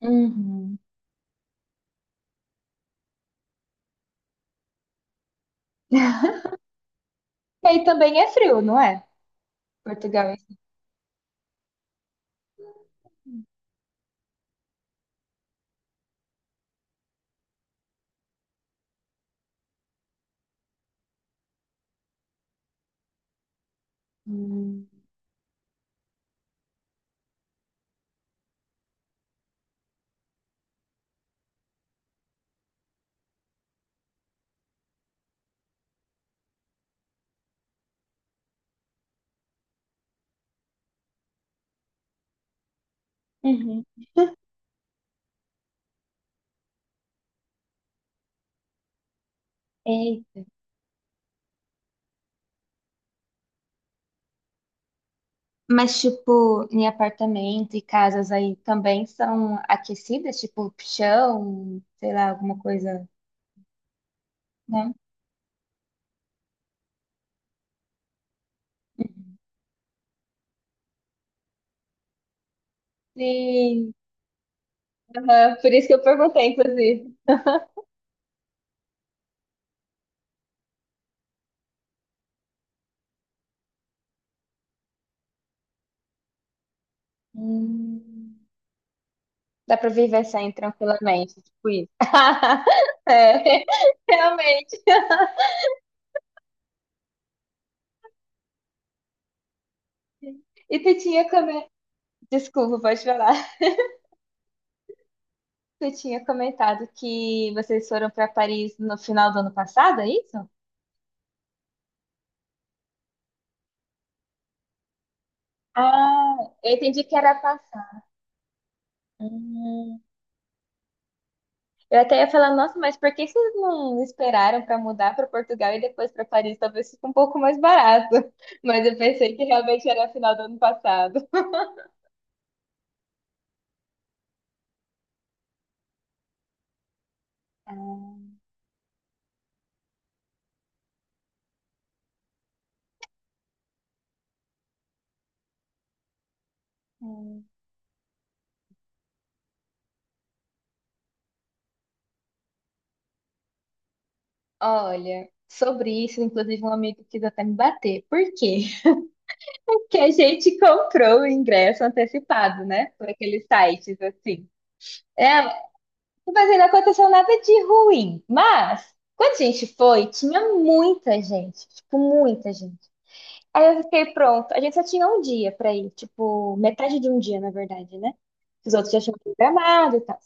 Uhum. E aí também é frio, não é? Portugal é frio. Hum. Uhum. E- mas, tipo, em apartamento e casas aí também são aquecidas, tipo, chão, sei lá, alguma coisa, né? Sim. Aham. Por isso que eu perguntei, inclusive. Hum. Dá pra viver sem tranquilamente, tipo isso. É, realmente. E tu tinha comido. Desculpa, pode falar. Você tinha comentado que vocês foram para Paris no final do ano passado, é isso? Ah, eu entendi que era passado. Hum. Eu até ia falar, nossa, mas por que vocês não esperaram para mudar para Portugal e depois para Paris? Talvez fique um pouco mais barato. Mas eu pensei que realmente era final do ano passado. Ah, hum. Olha, sobre isso, inclusive um amigo quis até me bater. Por quê? Porque a gente comprou o ingresso antecipado, né? Por aqueles sites assim. É. Mas aí não aconteceu nada de ruim. Mas, quando a gente foi, tinha muita gente. Tipo, muita gente. Aí eu fiquei pronto. A gente só tinha um dia pra ir. Tipo, metade de um dia, na verdade, né? Os outros já tinham programado e tal.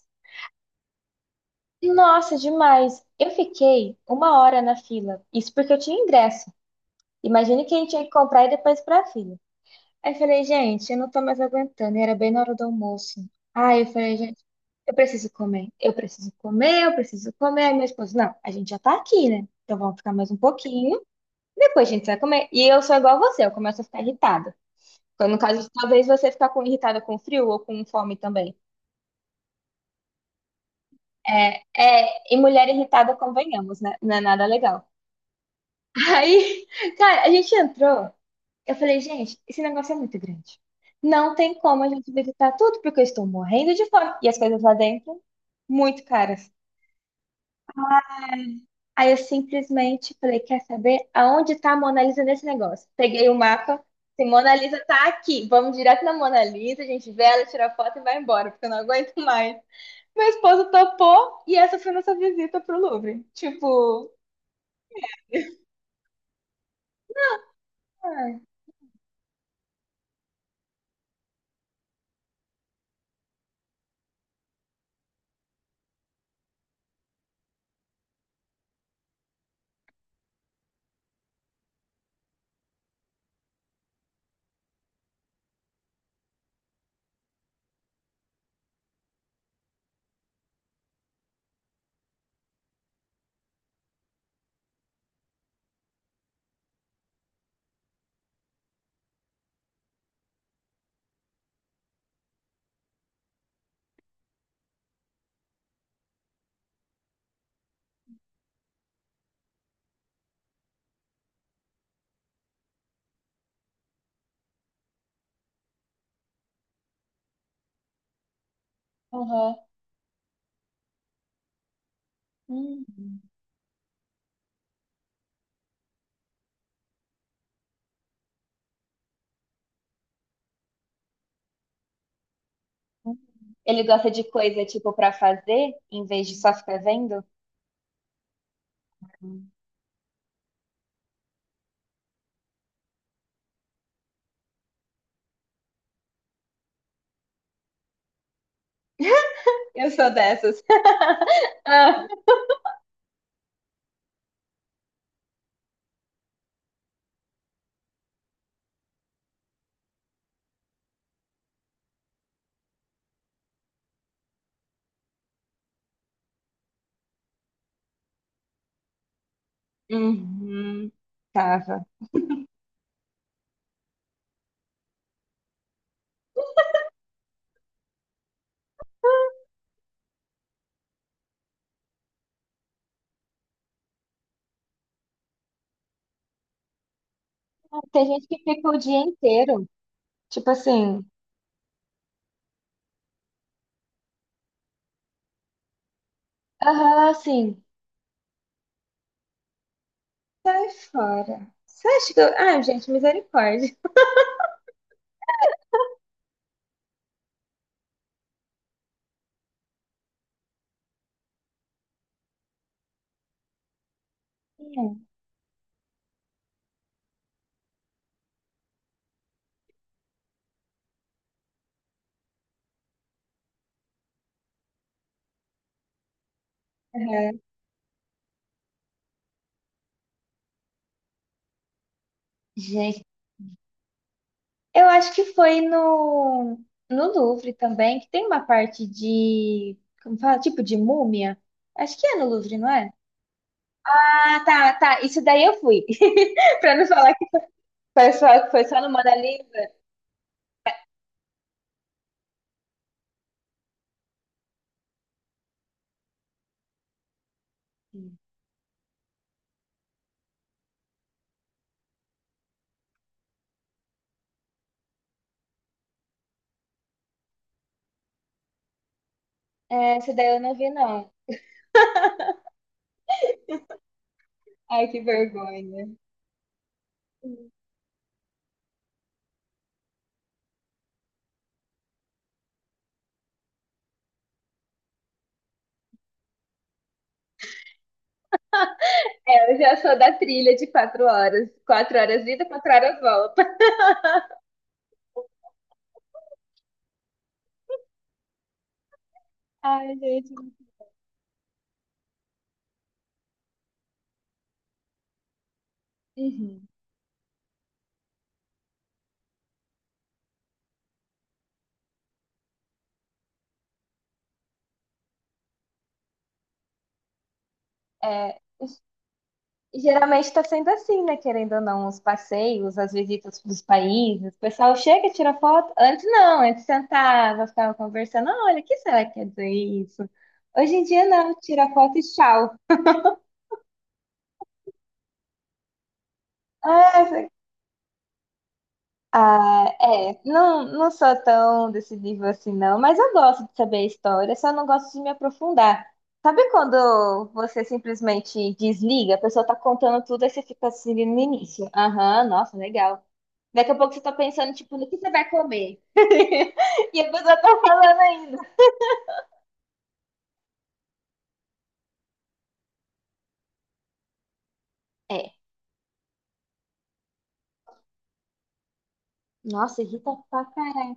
Nossa, demais. Eu fiquei 1 hora na fila. Isso porque eu tinha ingresso. Imagine quem tinha que comprar e depois pra fila. Aí eu falei, gente, eu não tô mais aguentando. E era bem na hora do almoço. Aí eu falei, gente. Eu preciso comer, eu preciso comer, eu preciso comer. Aí meu esposo, não, a gente já tá aqui, né? Então vamos ficar mais um pouquinho, depois a gente vai comer. E eu sou igual a você, eu começo a ficar irritada. Então, no caso, talvez você ficar com, irritada com frio ou com fome também. É, é, e mulher irritada, convenhamos, né? Não é nada legal. Aí, cara, a gente entrou. Eu falei, gente, esse negócio é muito grande. Não tem como a gente visitar tudo, porque eu estou morrendo de fome. E as coisas lá dentro, muito caras. Aí eu simplesmente falei, quer saber aonde tá a Mona Lisa nesse negócio? Peguei o mapa, se Mona Lisa tá aqui, vamos direto na Mona Lisa, a gente vê ela, tira a foto e vai embora, porque eu não aguento mais. Meu esposo topou e essa foi nossa visita pro Louvre. Tipo, ai, aham. Hum. Ele gosta de coisa, tipo, pra fazer, em vez de só ficar vendo? Eu sou dessas. Ah. Uhum. Tava. Tem gente que fica o dia inteiro. Tipo assim, aham, sim. Fora. Você acha que eu... Ah, gente, misericórdia. Sim. Uhum. Gente, eu acho que foi no, Louvre também, que tem uma parte de, como fala, tipo de múmia. Acho que é no Louvre, não é? Ah, tá, tá. Isso daí eu fui. Pra não falar que que foi só no Mona Lisa. É, isso daí eu não vi, não. Ai, que vergonha. É, eu já sou da trilha de 4 horas. 4 horas ida, 4 horas volta. Ai, gente. Uhum. É, e geralmente está sendo assim, né? Querendo ou não, os passeios, as visitas dos países, o pessoal chega, e tira foto. Antes não, antes sentava, ficava conversando. "Ah, olha, o que será que quer dizer isso? Hoje em dia não, tira foto e tchau. Ah, ah, é, não, não sou tão desse nível assim, não, mas eu gosto de saber a história, só não gosto de me aprofundar. Sabe quando você simplesmente desliga, a pessoa tá contando tudo e você fica assim no início? Aham, nossa, legal. Daqui a pouco você tá pensando, tipo, no que você vai comer? E a pessoa tá falando ainda. É, nossa, irrita pra caralho.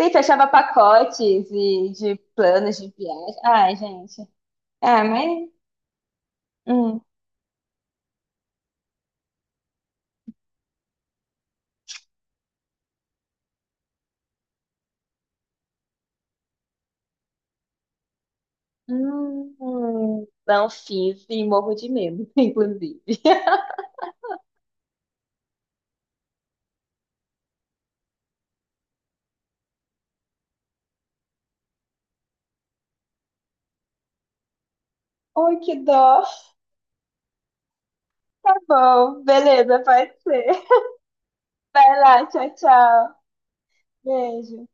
Sim, fechava pacotes e de planos de viagem. Ai, gente. Ah, mas. Hum. Não fiz e morro de medo, inclusive. Ai, que dó. Tá bom, beleza, pode ser. Vai lá, tchau, tchau. Beijo.